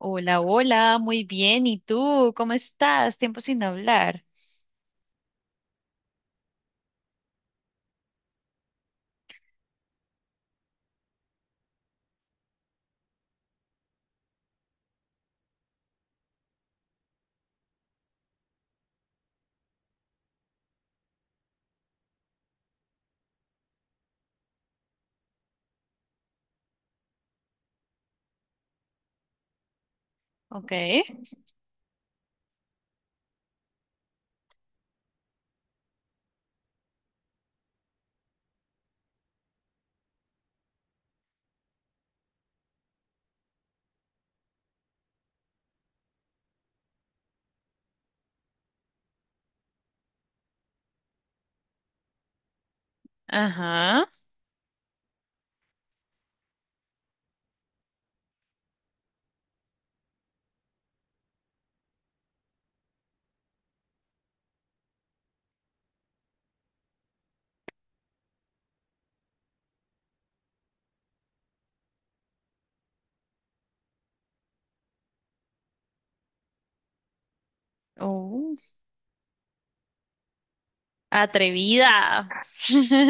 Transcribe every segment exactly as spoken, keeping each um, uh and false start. Hola, hola, muy bien. ¿Y tú? ¿Cómo estás? Tiempo sin hablar. Ok. Ajá. Oh, atrevida.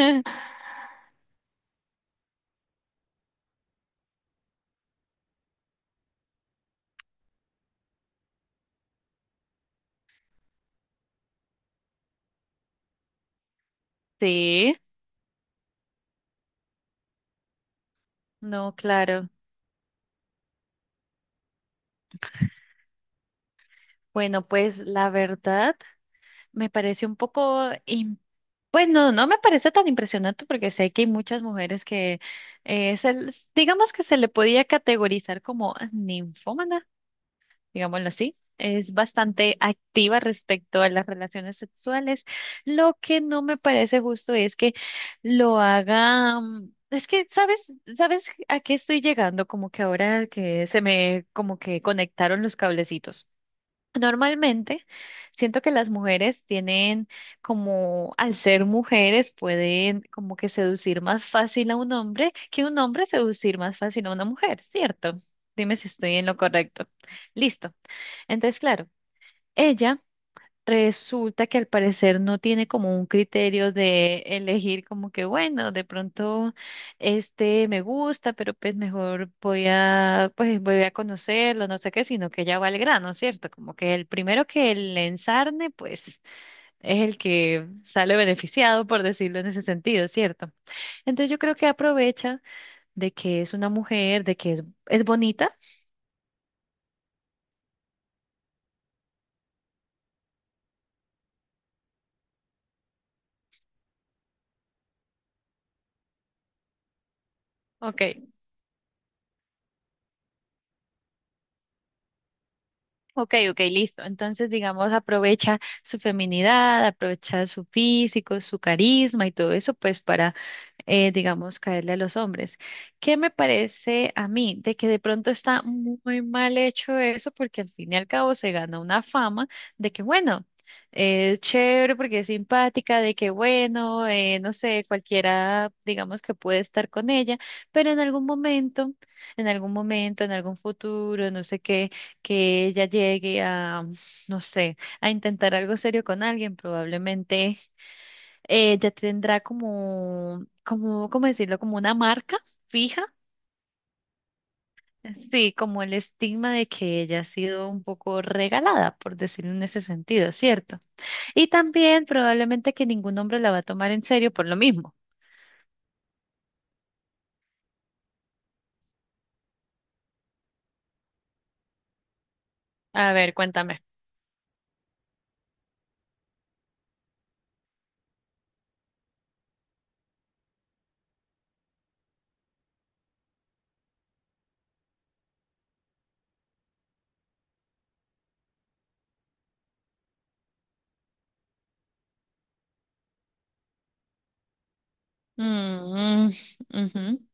Sí, no, claro. Bueno, pues la verdad me parece un poco, im- pues no, no me parece tan impresionante porque sé que hay muchas mujeres que eh, se les- digamos que se le podía categorizar como ninfómana, digámoslo así, es bastante activa respecto a las relaciones sexuales. Lo que no me parece justo es que lo haga, mm, es que, ¿sabes? ¿Sabes a qué estoy llegando? Como que ahora que se me, como que conectaron los cablecitos. Normalmente siento que las mujeres tienen como, al ser mujeres, pueden como que seducir más fácil a un hombre que un hombre seducir más fácil a una mujer, ¿cierto? Dime si estoy en lo correcto. Listo. Entonces, claro, ella resulta que al parecer no tiene como un criterio de elegir como que, bueno, de pronto este me gusta, pero pues mejor voy a, pues voy a conocerlo, no sé qué, sino que ella va al grano, ¿cierto? Como que el primero que le ensarne, pues es el que sale beneficiado, por decirlo en ese sentido, ¿cierto? Entonces yo creo que aprovecha de que es una mujer, de que es, es bonita. Ok, ok, ok, listo. Entonces, digamos, aprovecha su feminidad, aprovecha su físico, su carisma y todo eso, pues para eh, digamos, caerle a los hombres. ¿Qué me parece a mí? De que de pronto está muy mal hecho eso, porque al fin y al cabo se gana una fama de que, bueno, eh, es chévere porque es simpática, de que, bueno, eh, no sé, cualquiera, digamos, que puede estar con ella, pero en algún momento, en algún momento, en algún futuro, no sé qué, que ella llegue a, no sé, a intentar algo serio con alguien, probablemente eh, ya tendrá como, como, ¿cómo decirlo? Como una marca fija, sí, como el estigma de que ella ha sido un poco regalada, por decirlo en ese sentido, ¿cierto? Y también probablemente que ningún hombre la va a tomar en serio por lo mismo. A ver, cuéntame. Mm, ujú.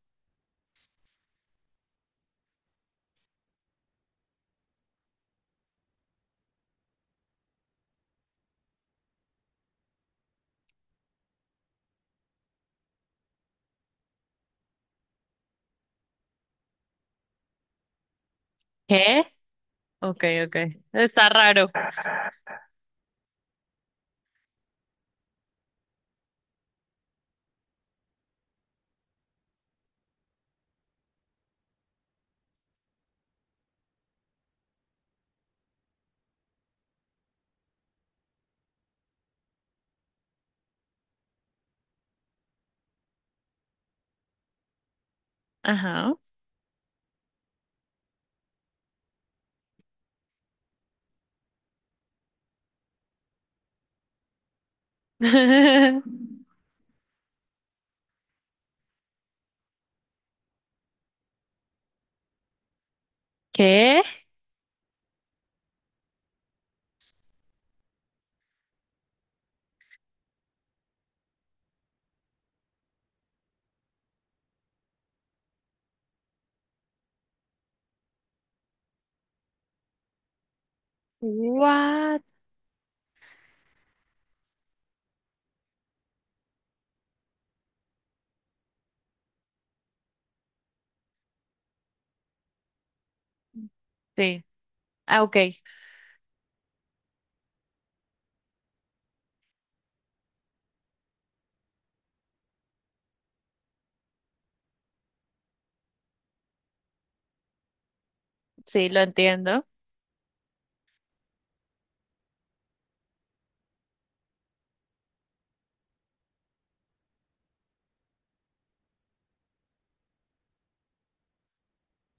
¿Qué? Ok, ok. Está raro. Ajá. ¿Qué? What? Sí. Ah, ok. Sí, lo entiendo.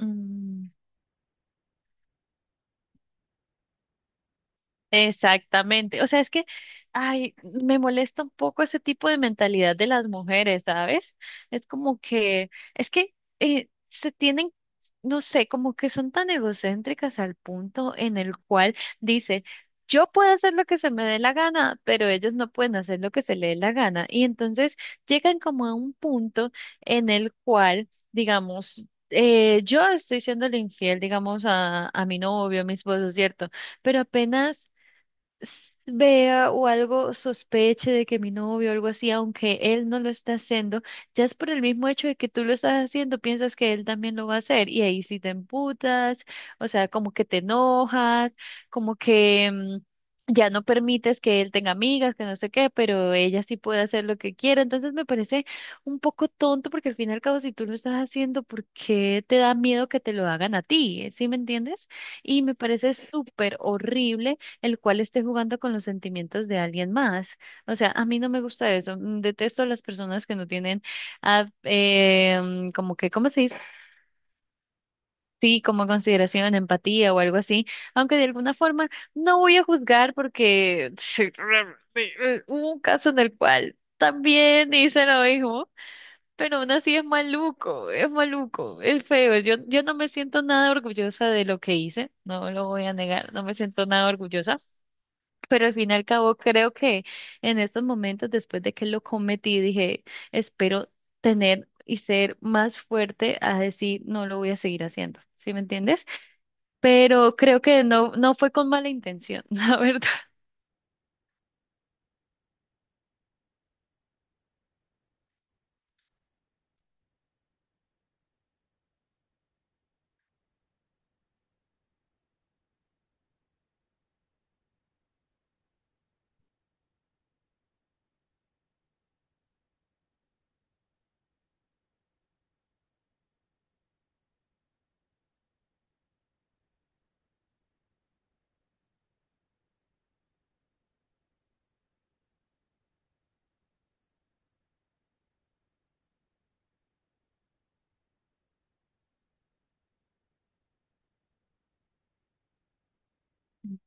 Mm. Exactamente. O sea, es que, ay, me molesta un poco ese tipo de mentalidad de las mujeres, ¿sabes? Es como que, es que eh, se tienen, no sé, como que son tan egocéntricas al punto en el cual dice, yo puedo hacer lo que se me dé la gana, pero ellos no pueden hacer lo que se les dé la gana. Y entonces llegan como a un punto en el cual, digamos, eh, yo estoy siendo infiel, digamos, a, a mi novio, a mi esposo, ¿cierto? Pero apenas s- vea o algo sospeche de que mi novio o algo así, aunque él no lo está haciendo, ya es por el mismo hecho de que tú lo estás haciendo, piensas que él también lo va a hacer y ahí sí te emputas, o sea, como que te enojas, como que mm, ya no permites que él tenga amigas, que no sé qué, pero ella sí puede hacer lo que quiera, entonces me parece un poco tonto porque al fin y al cabo si tú lo estás haciendo, ¿por qué te da miedo que te lo hagan a ti? ¿Sí me entiendes? Y me parece súper horrible el cual esté jugando con los sentimientos de alguien más. O sea, a mí no me gusta eso. Mm, detesto a las personas que no tienen, ah, eh, mm, como que, ¿cómo se dice? Sí, como consideración, empatía o algo así. Aunque de alguna forma no voy a juzgar porque hubo un caso en el cual también hice lo mismo. Pero aún así es maluco, es maluco, es feo. Yo, yo no me siento nada orgullosa de lo que hice, no lo voy a negar, no me siento nada orgullosa. Pero al fin y al cabo, creo que en estos momentos, después de que lo cometí, dije, espero tener y ser más fuerte a decir, no lo voy a seguir haciendo. ¿Sí me entiendes? Pero creo que no, no fue con mala intención, la verdad.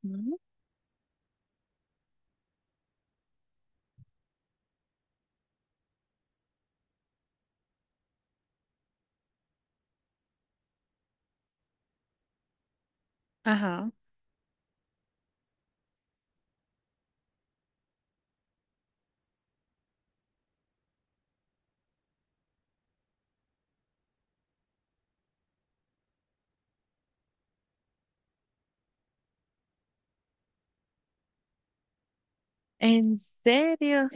Ujú. Ajá. ¿En serio?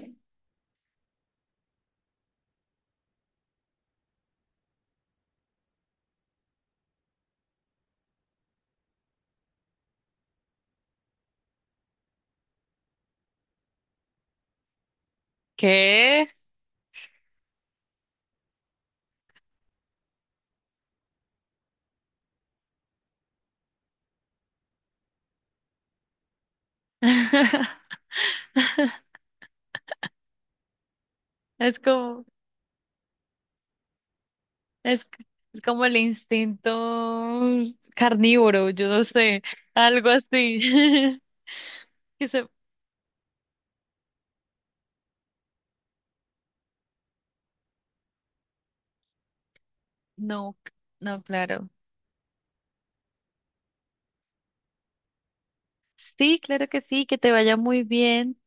¿Qué? Es como, es, es como el instinto carnívoro, yo no sé, algo así. Que se- no, no, claro. Sí, claro que sí, que te vaya muy bien.